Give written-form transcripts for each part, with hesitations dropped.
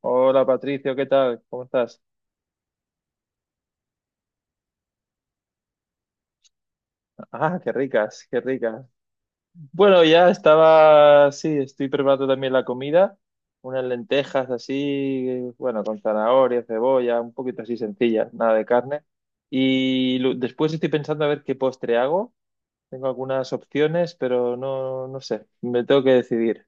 Hola Patricio, ¿qué tal? ¿Cómo estás? Ah, qué ricas, qué ricas. Bueno, ya estaba, sí, estoy preparando también la comida, unas lentejas así, bueno, con zanahoria, cebolla, un poquito así sencilla, nada de carne. Y después estoy pensando a ver qué postre hago. Tengo algunas opciones, pero no sé, me tengo que decidir.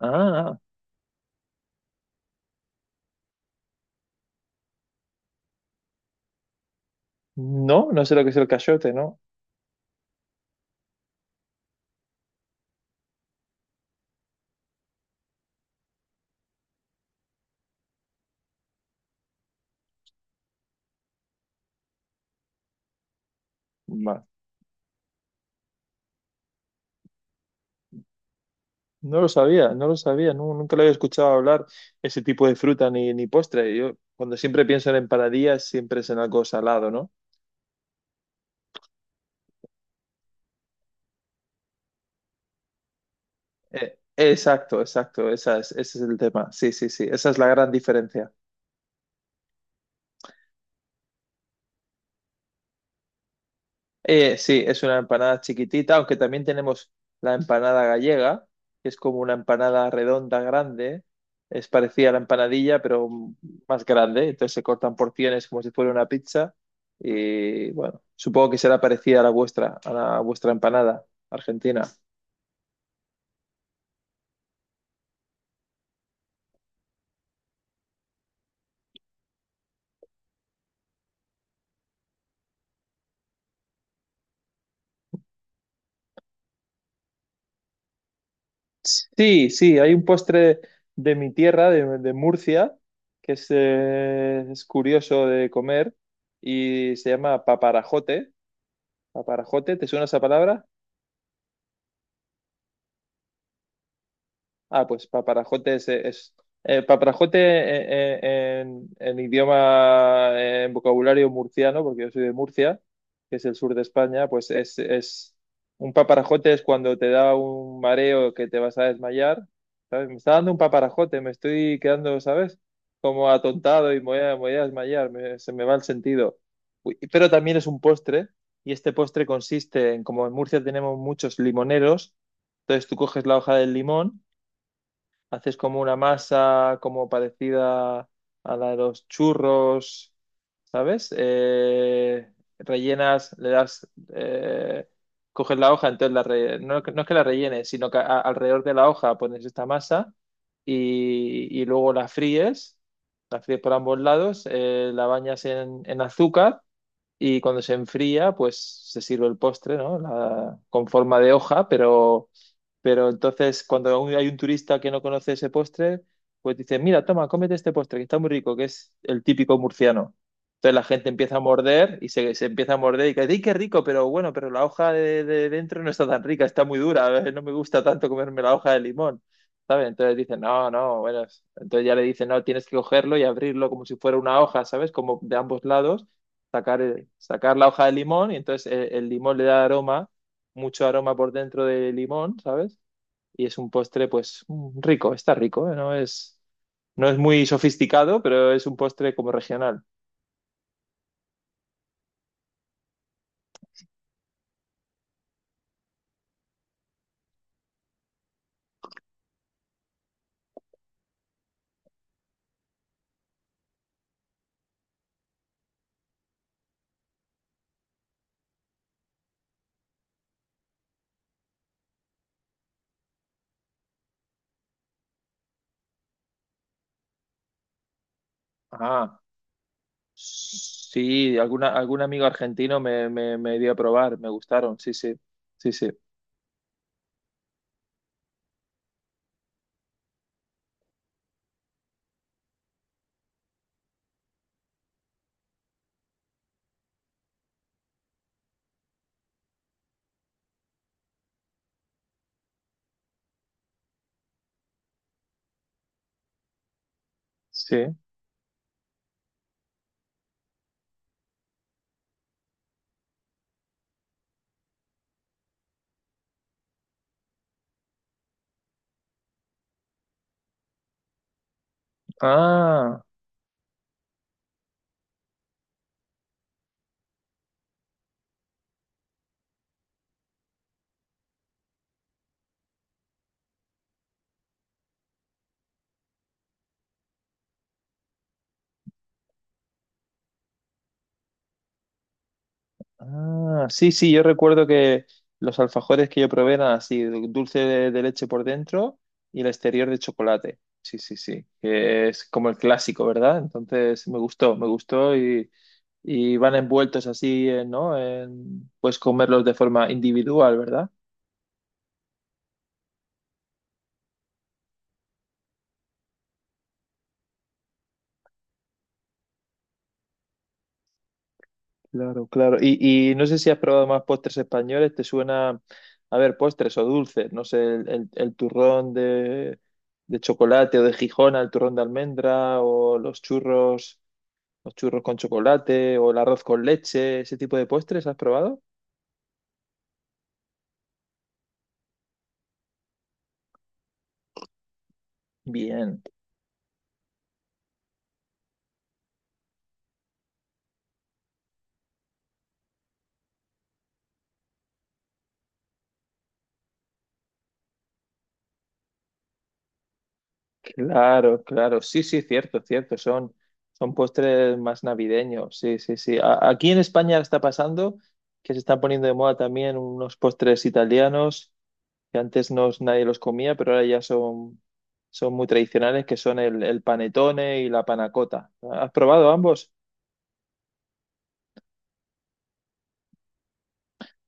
Ah, no, no sé lo que es el cachote, ¿no? No lo sabía, no lo sabía, nunca le había escuchado hablar ese tipo de fruta ni postre. Yo cuando siempre pienso en empanadillas, siempre es en algo salado, ¿no? Exacto, exacto, ese es el tema. Sí, sí, sí, esa es la gran diferencia. Sí, es una empanada chiquitita, aunque también tenemos la empanada gallega, que es como una empanada redonda grande, es parecida a la empanadilla, pero más grande, entonces se cortan porciones como si fuera una pizza y bueno, supongo que será parecida a la vuestra empanada argentina. Sí, sí, hay un postre de mi tierra, de Murcia, que es curioso de comer y se llama paparajote. ¿Paparajote? ¿Te suena esa palabra? Ah, pues paparajote paparajote en idioma, en vocabulario murciano, porque yo soy de Murcia, que es el sur de España, pues es un paparajote es cuando te da un mareo que te vas a desmayar, ¿sabes? Me está dando un paparajote, me estoy quedando, ¿sabes? Como atontado y me voy a desmayar, se me va el sentido. Uy, pero también es un postre, y este postre consiste en, como en Murcia tenemos muchos limoneros, entonces tú coges la hoja del limón, haces como una masa como parecida a la de los churros, ¿sabes? Rellenas, eh, coges la hoja, entonces no, no es que la rellenes, sino que alrededor de la hoja pones esta masa y luego la fríes por ambos lados, la bañas en azúcar. Y cuando se enfría, pues se sirve el postre, ¿no? Con forma de hoja, pero entonces, cuando hay un turista que no conoce ese postre, pues dice, mira, toma, cómete este postre, que está muy rico, que es el típico murciano. Entonces la gente empieza a morder y se empieza a morder y dice ¡ay, qué rico! Pero bueno, pero la hoja de dentro no está tan rica, está muy dura, no me gusta tanto comerme la hoja de limón, ¿sabes? Entonces dicen, no, no, bueno, entonces ya le dicen, no, tienes que cogerlo y abrirlo como si fuera una hoja, ¿sabes? Como de ambos lados, sacar la hoja de limón y entonces el limón le da aroma, mucho aroma por dentro del limón, ¿sabes? Y es un postre pues rico, está rico, ¿eh? No es muy sofisticado, pero es un postre como regional. Ah, sí, alguna, algún amigo argentino me dio a probar, me gustaron, sí, sí, sí, sí, sí. Ah. Ah, sí, sí, yo recuerdo que los alfajores que yo probé eran así, dulce de leche por dentro y el exterior de chocolate. Sí, sí, sí, que es como el clásico, ¿verdad? Entonces me gustó y van envueltos así, ¿no? Puedes comerlos de forma individual, ¿verdad? Claro, claro. Y no sé si has probado más postres españoles, te suena, a ver, postres o dulces, no sé, el turrón de chocolate o de Gijona, el turrón de almendra o los churros con chocolate o el arroz con leche, ese tipo de postres, ¿has probado? Bien, claro, claro, sí, sí, cierto, cierto, son, son postres más navideños, sí, sí, sí. Aquí en España está pasando que se están poniendo de moda también unos postres italianos que antes no, nadie los comía, pero ahora ya son, son muy tradicionales, que son el panetone y la panacota. ¿Has probado ambos?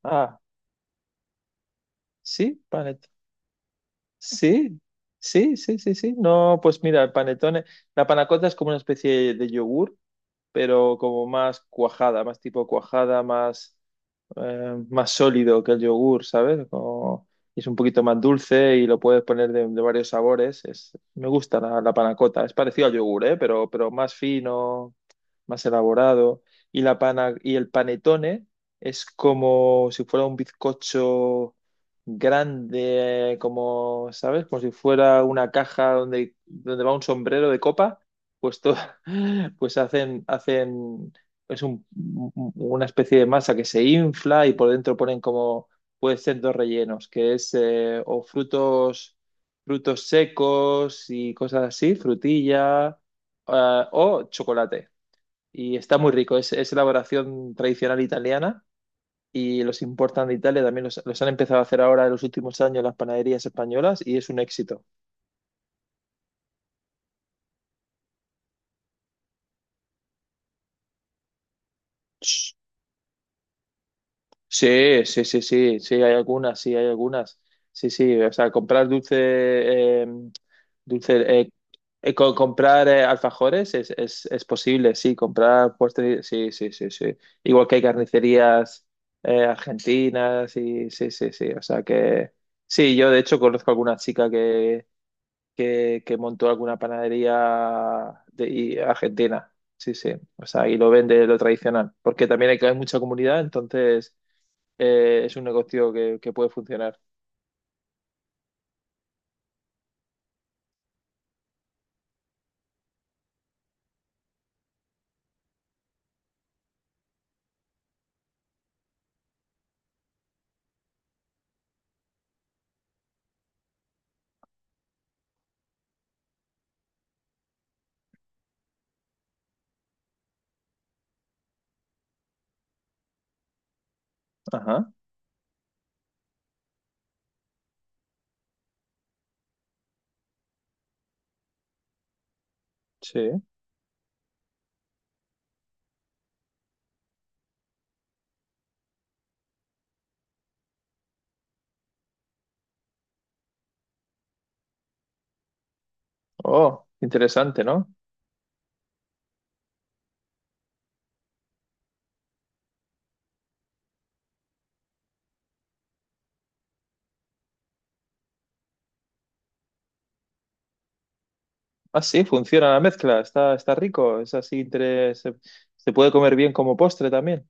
Ah, sí, sí, sí, sí, sí, sí. No, pues mira, el panetone, la panacota es como una especie de yogur, pero como más cuajada, más tipo cuajada, más más sólido que el yogur, ¿sabes? Es un poquito más dulce y lo puedes poner de varios sabores. Es, me gusta la panna cotta. Es parecido al yogur, ¿eh? Pero más fino, más elaborado. Y, la pana, y el panetone es como si fuera un bizcocho grande, como, ¿sabes? Como si fuera una caja donde va un sombrero de copa. Pues, to- pues hacen, hacen es un- una especie de masa que se infla y por dentro ponen como, puede ser dos rellenos, que es o frutos, frutos secos y cosas así, frutilla, ah, o chocolate. Y está muy rico, es elaboración tradicional italiana y los importan de Italia, también los han empezado a hacer ahora en los últimos años las panaderías españolas y es un éxito. Sí, sí, sí, sí, sí, hay algunas, sí, hay algunas. Sí, sí, o sea, comprar dulce, eh, dulce, comprar alfajores es posible, sí, comprar postres, sí, sí, sí, sí. Igual que hay carnicerías argentinas, y, sí, sí, sí, o sea que sí, yo de hecho conozco alguna chica que montó alguna panadería argentina, sí, sí, o sea, y lo vende lo tradicional, porque también hay mucha comunidad, entonces es un negocio que puede funcionar. Ajá, sí. Oh, interesante, ¿no? Ah, sí, funciona la mezcla, está, está rico, es así, se puede comer bien como postre también,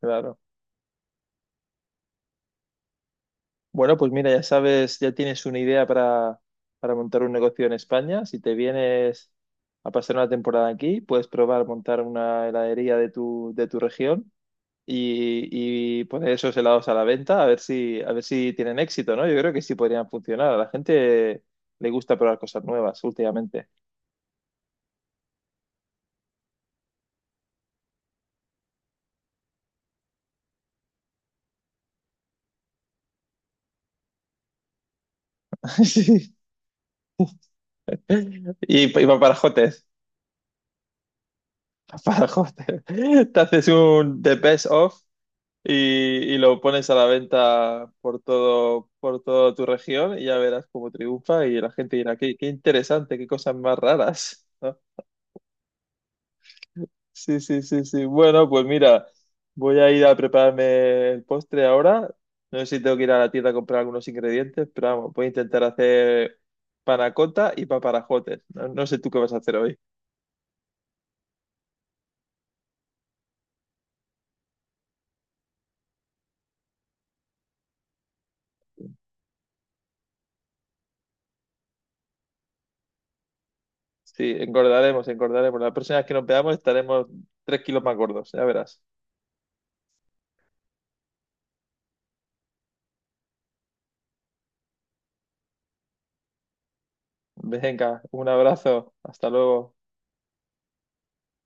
claro. Bueno, pues mira, ya sabes, ya tienes una idea para montar un negocio en España. Si te vienes a pasar una temporada aquí, puedes probar montar una heladería de tu región. Y, y poner esos helados a la venta a ver si tienen éxito, ¿no? Yo creo que sí podrían funcionar. A la gente le gusta probar cosas nuevas últimamente. Sí. Y paparajotes. Paparajotes. Te haces un The Best Of y, y lo pones a la venta por todo, por toda tu región y ya verás cómo triunfa y la gente dirá, qué, qué interesante, qué cosas más raras. ¿No? Sí, sí, sí, sí. Bueno, pues mira, voy a ir a prepararme el postre ahora. No sé si tengo que ir a la tienda a comprar algunos ingredientes, pero vamos, voy a intentar hacer panacota y paparajotes. No, no sé tú qué vas a hacer hoy. Sí, engordaremos, engordaremos. La próxima vez que nos veamos estaremos 3 kilos más gordos, ya verás. Venga, un abrazo, hasta luego.